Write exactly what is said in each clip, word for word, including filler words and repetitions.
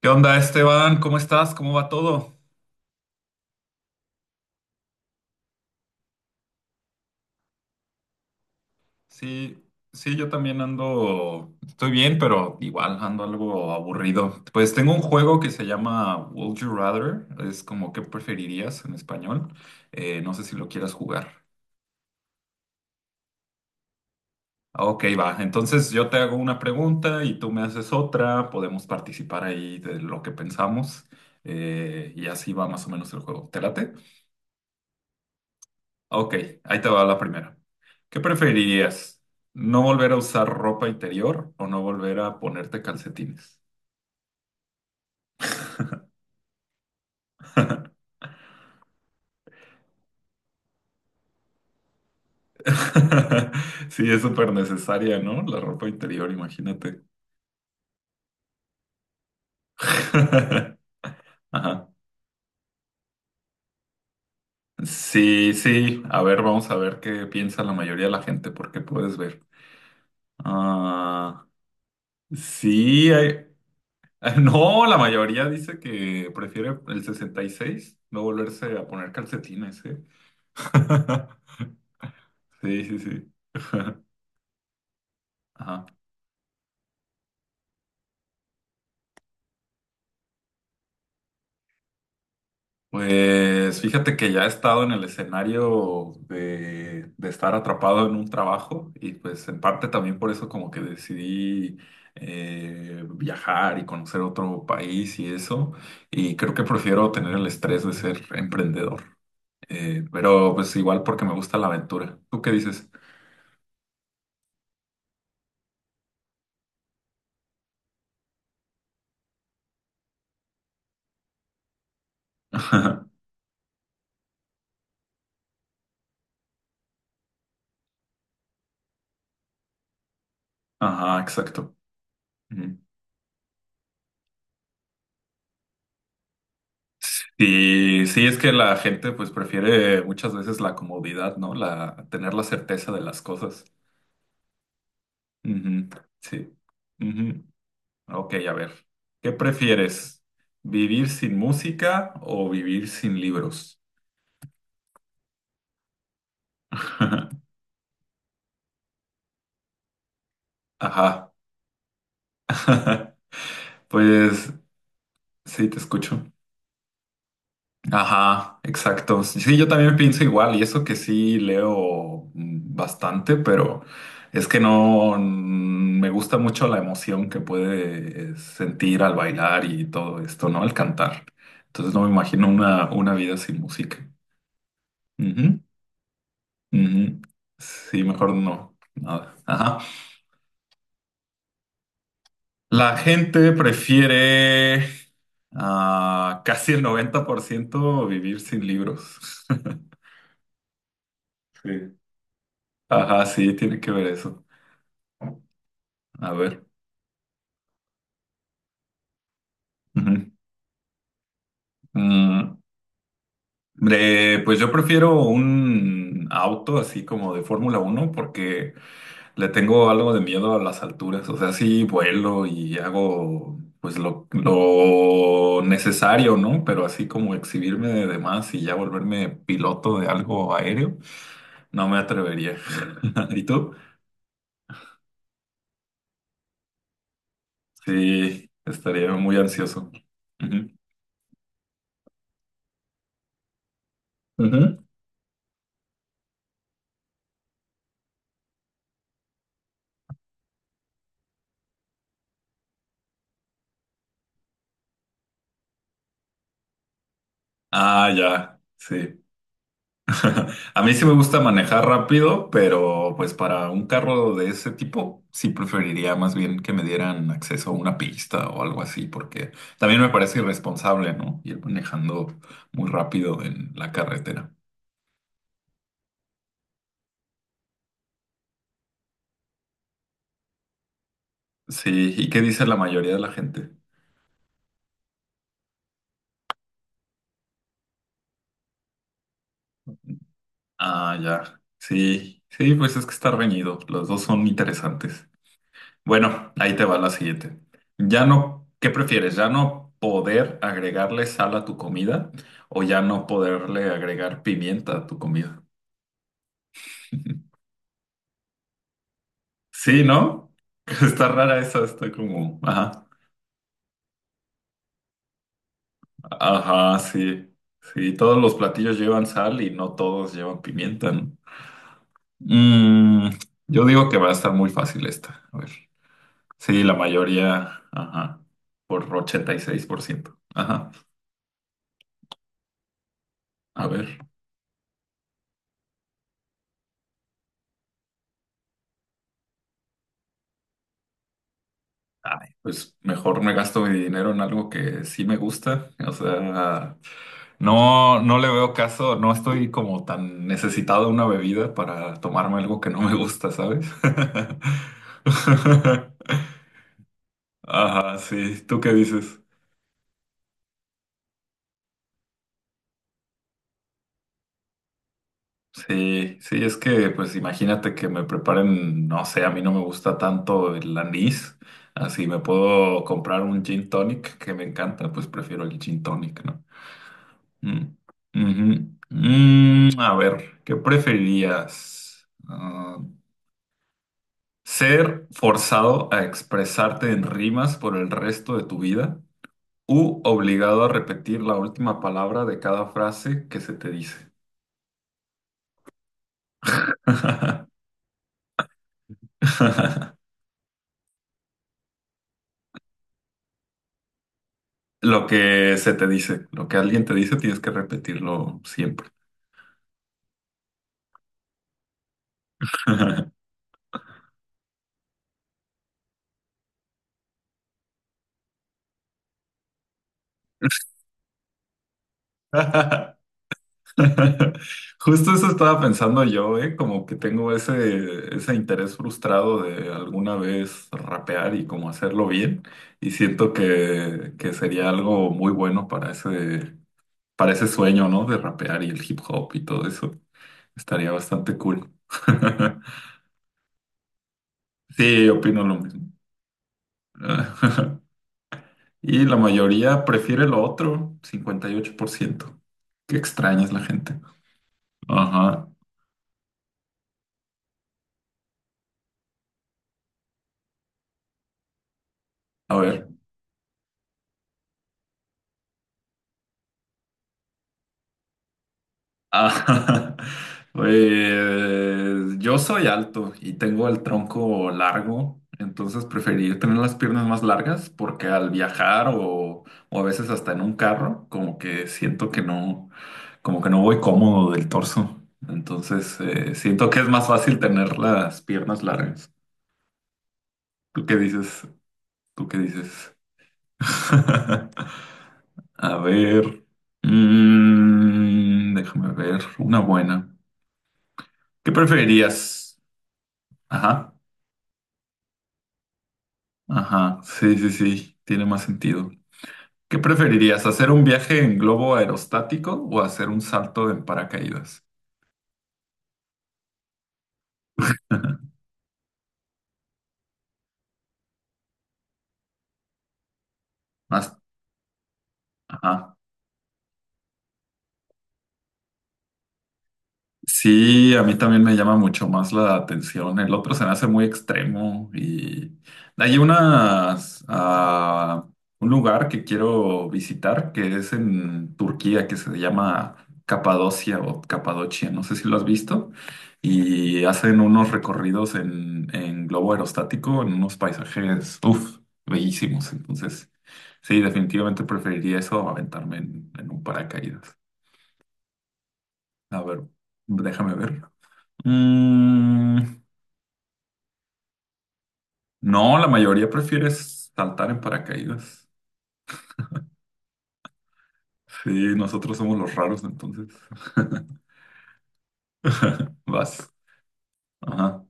¿Qué onda, Esteban? ¿Cómo estás? ¿Cómo va todo? Sí, sí, yo también ando, estoy bien, pero igual ando algo aburrido. Pues tengo un juego que se llama Would You Rather, es como ¿qué preferirías en español? Eh, no sé si lo quieras jugar. Ah, ok, va. Entonces yo te hago una pregunta y tú me haces otra, podemos participar ahí de lo que pensamos, eh, y así va más o menos el juego. ¿Te late? Ok, ahí te va la primera. ¿Qué preferirías? ¿No volver a usar ropa interior o no volver a ponerte calcetines? Sí, es súper necesaria, ¿no? La ropa interior, imagínate. Ajá. Sí, sí. A ver, vamos a ver qué piensa la mayoría de la gente, porque puedes ver. Ah, sí, hay- no, la mayoría dice que prefiere el sesenta y seis no volverse a poner calcetines, ¿eh? Sí, sí, sí. Ajá. Pues fíjate que ya he estado en el escenario de, de estar atrapado en un trabajo y pues en parte también por eso como que decidí, eh, viajar y conocer otro país y eso. Y creo que prefiero tener el estrés de ser emprendedor. Eh, pero pues igual porque me gusta la aventura. ¿Tú qué dices? Ajá, exacto. Ujú. Sí, sí, es que la gente pues prefiere muchas veces la comodidad, ¿no? La tener la certeza de las cosas. Ujú. Sí. Ujú. Ok, a ver. ¿Qué prefieres? ¿Vivir sin música o vivir sin libros? Ajá. Pues sí, te escucho. Ajá, exacto. Sí, yo también pienso igual, y eso que sí leo mm, bastante, pero es que no mm, me gusta mucho la emoción que puede, eh, sentir al bailar y todo esto, ¿no? Al cantar. Entonces no me imagino una, una vida sin música. Ujú. Sí, mejor no. Nada. Ajá. La gente prefiere, ah, casi el noventa por ciento vivir sin libros. Sí. Ajá, sí, tiene que ver eso. A ver. Ujú. Mm, eh, pues yo prefiero un auto así como de Fórmula uno porque le tengo algo de miedo a las alturas, o sea, sí vuelo y hago pues lo, lo necesario, ¿no? Pero así como exhibirme de demás y ya volverme piloto de algo aéreo, no me atrevería. ¿Y tú? Sí, estaría muy ansioso. Ujú. Ujú. Ah, ya, sí. A mí sí me gusta manejar rápido, pero pues para un carro de ese tipo sí preferiría más bien que me dieran acceso a una pista o algo así, porque también me parece irresponsable, ¿no? Ir manejando muy rápido en la carretera. Sí, ¿y qué dice la mayoría de la gente? Ah, ya. Sí, sí, pues es que está reñido. Los dos son interesantes. Bueno, ahí te va la siguiente. Ya no, ¿qué prefieres? ¿Ya no poder agregarle sal a tu comida o ya no poderle agregar pimienta a tu comida? Sí, ¿no? Está rara esa, está como, ajá, ajá, sí, sí, todos los platillos llevan sal y no todos llevan pimienta, ¿no? Mm, yo digo que va a estar muy fácil esta, a ver. Sí, la mayoría, ajá, por ochenta y seis por ciento. Ajá, a ver. Ay, pues mejor me gasto mi dinero en algo que sí me gusta. O sea, no, no le veo caso, no estoy como tan necesitado de una bebida para tomarme algo que no me gusta, ¿sabes? Ajá, sí. ¿Tú qué dices? Sí, sí, es que pues imagínate que me preparen, no sé, a mí no me gusta tanto el anís. Así me puedo comprar un gin tonic que me encanta, pues prefiero el gin tonic. Mm, ujú. Mm, a ver, ¿qué preferirías? Ah, ¿ser forzado a expresarte en rimas por el resto de tu vida u obligado a repetir la última palabra de cada frase que se te dice? Lo que se te dice, lo que alguien te dice, tienes que repetirlo siempre. Justo eso estaba pensando yo, ¿eh? Como que tengo ese, ese interés frustrado de alguna vez rapear y como hacerlo bien. Y siento que, que sería algo muy bueno para ese, para ese sueño, ¿no? De rapear y el hip hop y todo eso. Estaría bastante cool. Sí, opino lo mismo. Y la mayoría prefiere lo otro, cincuenta y ocho por ciento. Qué extraña es la gente. Ajá. A ver. Ah, pues yo soy alto y tengo el tronco largo, entonces preferí tener las piernas más largas porque al viajar o, o a veces hasta en un carro, como que siento que no, como que no voy cómodo del torso. Entonces, eh, siento que es más fácil tener las piernas largas. ¿Tú qué dices? ¿Tú qué dices? A ver, mm, déjame ver, una buena. ¿Qué preferirías? Ajá, ajá, sí, sí, sí, tiene más sentido. ¿Qué preferirías, hacer un viaje en globo aerostático o hacer un salto en paracaídas? Más, ajá. Sí, a mí también me llama mucho más la atención. El otro se me hace muy extremo y hay unas, ah, un lugar que quiero visitar que es en Turquía, que se llama Capadocia o Capadocia, no sé si lo has visto, y hacen unos recorridos en, en globo aerostático, en unos paisajes, uff, bellísimos. Entonces, sí, definitivamente preferiría eso a aventarme en, en un paracaídas. A ver, déjame ver. Mm, no, la mayoría prefiere saltar en paracaídas. Sí, nosotros somos los raros entonces. Vas. Ajá.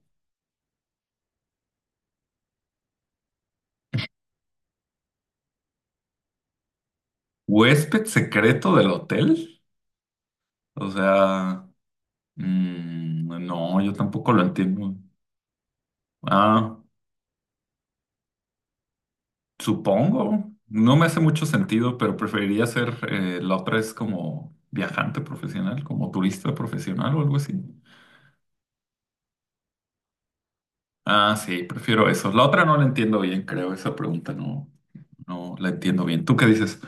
¿Huésped secreto del hotel? O sea, mm, no, yo tampoco lo entiendo. Ah, supongo. No me hace mucho sentido, pero preferiría ser, eh, la otra es como viajante profesional, como turista profesional o algo así. Ah, sí, prefiero eso. La otra no la entiendo bien, creo, esa pregunta no. No la entiendo bien. ¿Tú qué dices?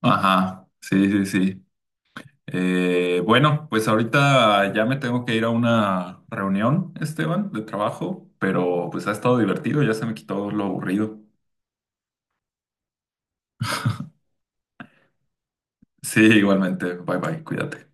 Ajá, sí, sí, sí. Eh, bueno, pues ahorita ya me tengo que ir a una reunión, Esteban, de trabajo, pero pues ha estado divertido, ya se me quitó lo aburrido. Sí, igualmente. Bye bye, cuídate.